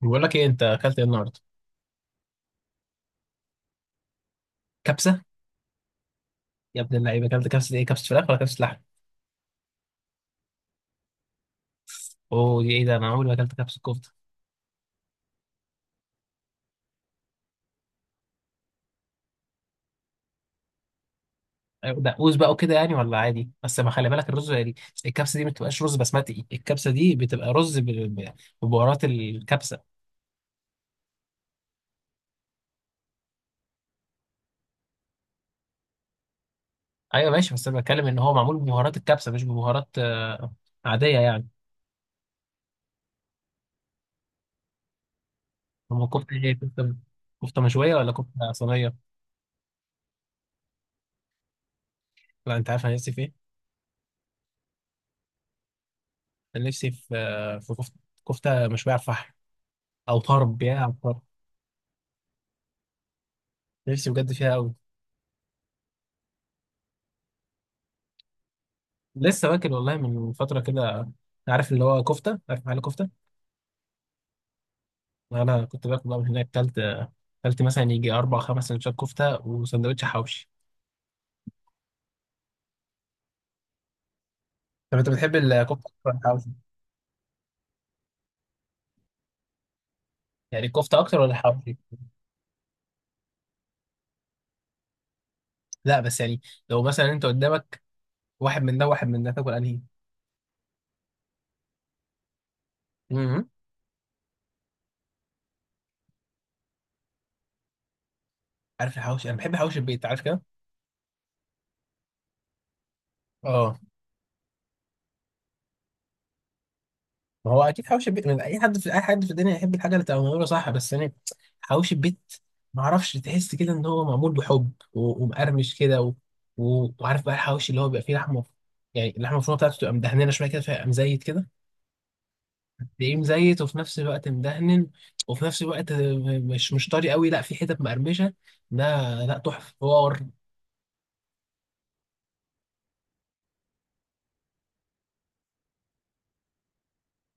بقول لك ايه؟ انت اكلت ايه النهارده؟ كبسه. يا ابن اللعيبه، اكلت كبسه، ايه؟ كبسه فراخ ولا كبسه لحم؟ اوه، دي ايه ده؟ انا عمري ما اكلت كبسه كفته. أيوة، دقوس بقى وكده يعني، ولا عادي، بس ما خلي بالك الرز يعني. الكبسه دي ما بتبقاش رز بسمتي، الكبسه دي بتبقى رز ببهارات الكبسه. ايوه ماشي، بس انا بتكلم ان هو معمول ببهارات الكبسه، مش ببهارات عاديه يعني. كفته، ايه؟ كفته كفته مشويه ولا كفته صينيه؟ لا، انت عارف انا نفسي في ايه. انا نفسي في كفته. كفته مشويه على الفحم، او طرب، يا عم، طرب. نفسي بجد فيها قوي. لسه واكل والله من فترة كده. عارف اللي هو كفتة؟ عارف محل كفتة؟ أنا كنت باكل بقى من هناك، كلت مثلا يجي أربع خمس سندوتشات كفتة وسندوتش حواوشي. طب أنت بتحب الكفتة أكتر ولا الحواوشي؟ يعني الكفتة أكتر ولا الحواوشي؟ لا بس يعني، لو مثلا أنت قدامك واحد من ده واحد من ده، تاكل أنهي؟ مم. عارف الحواوشي؟ أنا بحب حواوشي البيت، عارف كده؟ اه. ما هو اكيد حوش البيت، من اي حد في اي حد في الدنيا يحب الحاجه اللي تبقى معموله صح بس يعني. حوش البيت، ما اعرفش، تحس كده ان هو معمول بحب و... ومقرمش كده وعارف بقى الحوش اللي هو بيبقى فيه لحمه، يعني اللحمه المفرومه بتاعته تبقى مدهنه شويه كده فيبقى مزيت كده. تلاقيه مزيت، وفي نفس الوقت مدهن، وفي نفس الوقت مش طري قوي، لا، في حتت مقرمشه ده. لا، تحفه، حوار.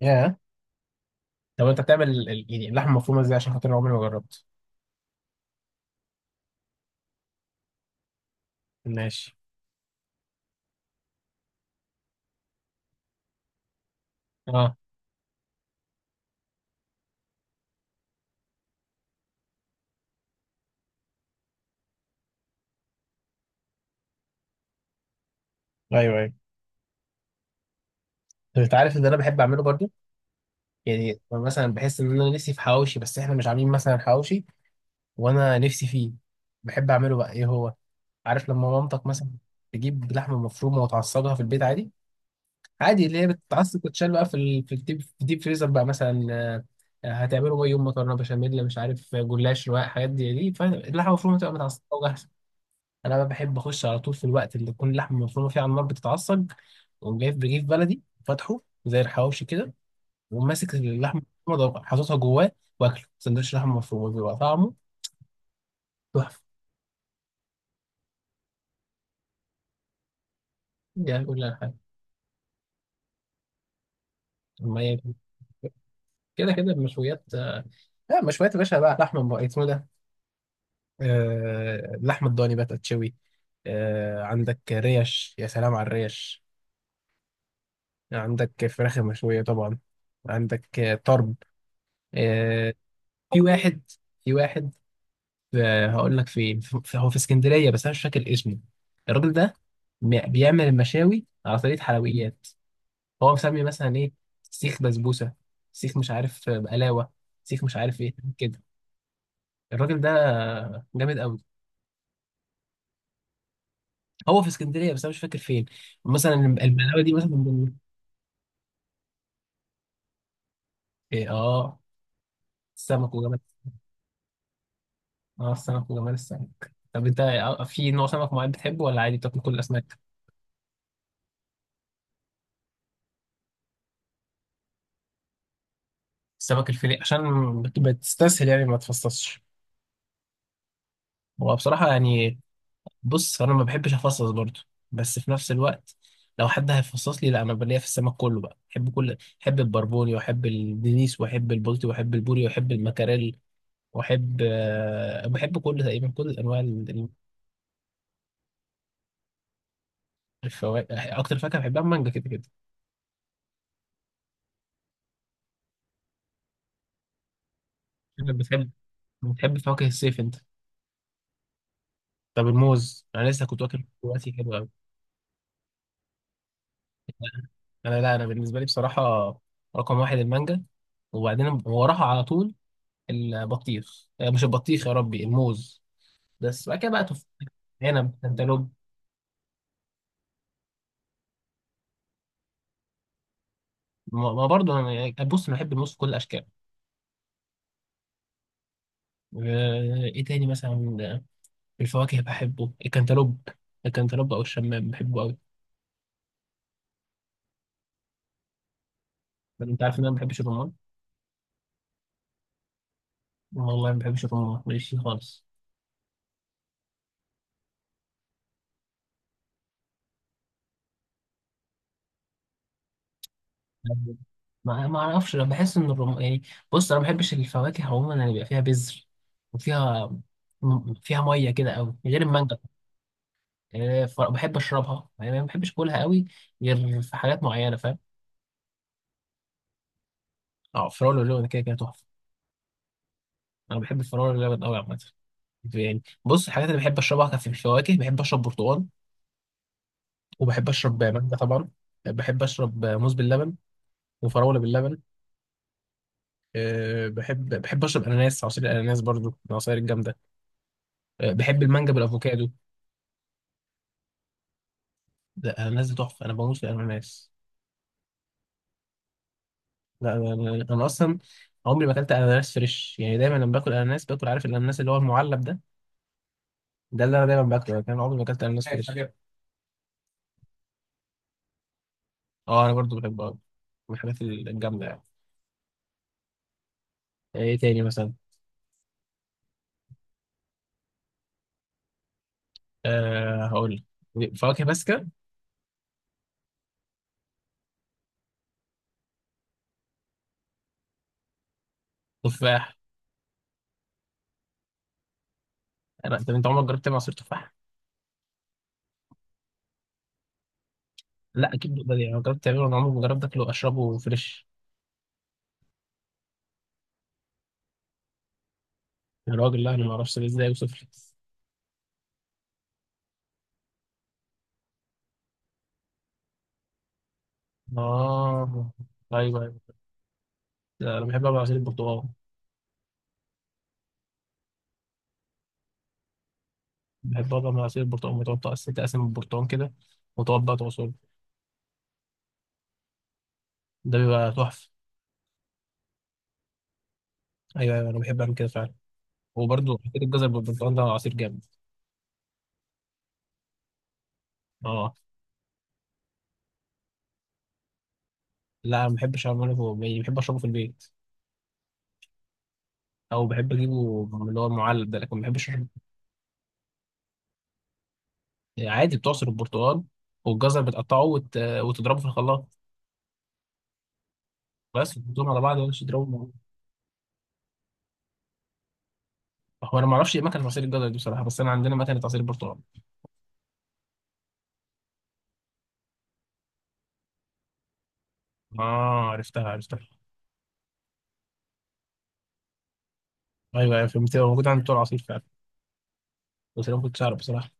ياه. طب انت بتعمل يعني اللحمه المفرومه ازاي؟ عشان خاطر أنا عمري ما جربت. ماشي. اه. ايوه ايوه. انت عارف ان انا بحب اعمله برضو. يعني مثلا بحس ان انا نفسي في حواوشي بس احنا مش عاملين مثلا حواوشي، وانا نفسي فيه. بحب اعمله بقى، ايه هو، عارف لما مامتك مثلا تجيب لحمه مفرومه وتعصجها في البيت عادي، عادي اللي هي بتتعصج وتتشال بقى في الديب فريزر بقى مثلا. هتعمله بقى يوم مكرونه بشاميل، مش عارف، جلاش، رواق، حاجات دي فاللحمه المفرومه تبقى متعصجه وجاهزه. انا بقى بحب اخش على طول في الوقت اللي تكون اللحمه المفرومه فيه على النار بتتعصج، واقوم جايب رغيف بلدي فاتحه زي الحواوشي كده، وماسك اللحمه المفرومه حاططها جواه، واكله سندوتش لحمه مفرومه، بيبقى طعمه تحفه. دي كل حاجه. ما هي كده كده المشويات. لا، مشويات يا باشا بقى، لحمه بقى اسمه ده. اللحمه الضاني بقى تتشوي. عندك ريش، يا سلام على الريش. عندك فراخ مشويه طبعا. عندك طرب. آه. في واحد في واحد، هقول لك فين، هو في اسكندريه، بس انا مش فاكر اسمه، الراجل ده. بيعمل المشاوي على طريقه حلويات. هو مسمي مثلا ايه، سيخ بسبوسه، سيخ مش عارف بقلاوه، سيخ مش عارف ايه كده. الراجل ده جامد قوي. هو في اسكندريه، بس انا مش فاكر فين. مثلا البقلاوه دي مثلا إيه إيه، اه. السمك وجمال. اه، السمك وجمال السمك. طب انت في نوع سمك معين بتحبه ولا عادي بتاكل كل الاسماك؟ السمك الفيليه، عشان بتستسهل يعني، ما تفصصش. هو بصراحه يعني، بص انا ما بحبش افصص برضو، بس في نفس الوقت لو حد هيفصص لي، لا، انا بليا في السمك كله بقى. بحب كل بحب البربوني، واحب الدنيس، واحب البلطي، واحب البوري، واحب المكاريل، واحب بحب كل تقريبا كل انواع الفواكه، اكتر فاكهه بحبها المانجا كده كده. انت بتحب بتحب فواكه الصيف انت؟ طب الموز، انا لسه كنت واكل دلوقتي، حلو قوي. انا، لا، انا بالنسبه لي بصراحه، رقم واحد المانجا. وبعدين وراها على طول البطيخ، مش البطيخ، يا ربي، الموز. بس بعد كده بقى تفاح، عنب، كانتالوب. ما برضه، انا يعني، بص انا بحب الموز في كل الاشكال. ايه تاني مثلا؟ في الفواكه بحبه الكنتالوب، الكنتالوب او الشمام بحبه قوي. انت عارف ان انا ما بحبش الرمان؟ والله ما بحبش الرمان ماليش فيه خالص. ما اعرفش، انا بحس ان الرم يعني، بص انا ما بحبش الفواكه عموما اللي بيبقى فيها بذر وفيها فيها ميه كده قوي، غير المانجا. يعني بحب اشربها يعني، ما بحبش اكلها قوي، غير في حاجات معينه، فاهم؟ اه، فراوله لون كده كده تحفه. انا بحب الفراوله اللبن قوي عامه. يعني بص، الحاجات اللي بحب اشربها كان في الفواكه، بحب اشرب برتقال، وبحب اشرب مانجا طبعا، بحب اشرب موز باللبن وفراوله باللبن. بحب اشرب اناناس، عصير الاناناس برضو من العصاير الجامده. بحب المانجا بالافوكادو. ده الاناناس دي تحفه، انا بموت في الاناناس. لا انا، انا أنا اصلا عمري ما اكلت اناناس فريش، يعني دايما لما باكل اناناس باكل، عارف، الاناناس اللي هو المعلب ده، ده اللي انا دايما باكله، لكن انا عمري ما اكلت اناناس، عارف، فريش حاجة. اه، انا برضو بحبه أوي. من الحاجات الجامده يعني. ايه تاني مثلا؟ هقول لك، فواكه باسكة، تفاح. طب انت عمرك جربت تعمل عصير تفاح؟ لا اكيد بقدر يعني، أنا جربت تعمله، انا عمري ما جربت اكله اشربه فريش. يا راجل، لا انا ما اعرفش ده ازاي، يوصف لي. اه، ايوه ايوه. لا، انا بحب اعمل عصير البرتقال. بحب اعمل عصير البرتقال، بتقعد تقسم البرتقال كده وتقعد بقى تعصره، ده بيبقى تحفه. ايوه ايوه، انا بحب اعمل كده فعلا. وبرده عصير الجزر بالبرتقال، ده عصير جامد. اه. لا، ما بحبش اعمله، يعني بحب اشربه في البيت، او بحب اجيبه من اللي هو المعلب ده، لكن ما بحبش. عادي، بتعصر البرتقال، والجزر بتقطعه وتضربه في الخلاط. بس وتحطهم على بعض ولا تضربهم؟ هو انا ما اعرفش ايه مكنه عصير الجزر دي بصراحه، بس انا عندنا مكنه عصير البرتقال. اه، عرفتها عرفتها. ايوه ايوه فهمت، هو موجود عند بتوع العصير فعلا. بس انا ما كنتش اعرف بصراحه.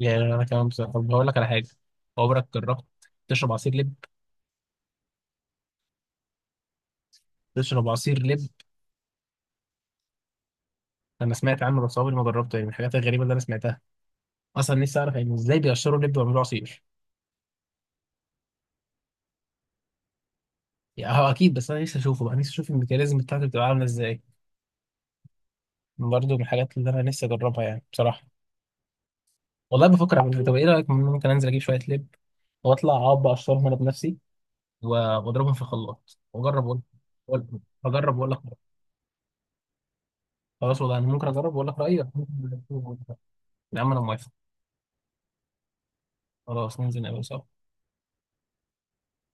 يعني انا كمان بصراحه. طب هقول لك على حاجه، عمرك جربت تشرب عصير لب؟ تشرب عصير لب. انا سمعت عنه بس عمري ما جربته، يعني من الحاجات الغريبه اللي انا سمعتها. اصلا نفسي اعرف يعني ازاي بيقشروا لب ويعملوه عصير. يعني هو اكيد، بس انا نفسي اشوفه بقى، نفسي اشوف الميكانيزم بتاعته بتبقى عامله ازاي. برضه من الحاجات اللي انا نفسي اجربها يعني بصراحه. والله بفكر اعمل كده. طب ايه رايك، ممكن انزل اجيب شويه لب واطلع اقعد اقشرهم انا بنفسي، واضربهم في الخلاط واجرب واقول. وأقول- اجرب واقول لك رأيي. خلاص والله، انا ممكن اجرب واقول لك رايي. يا عم، انا موافق. خلاص ننزل نقابل سوا.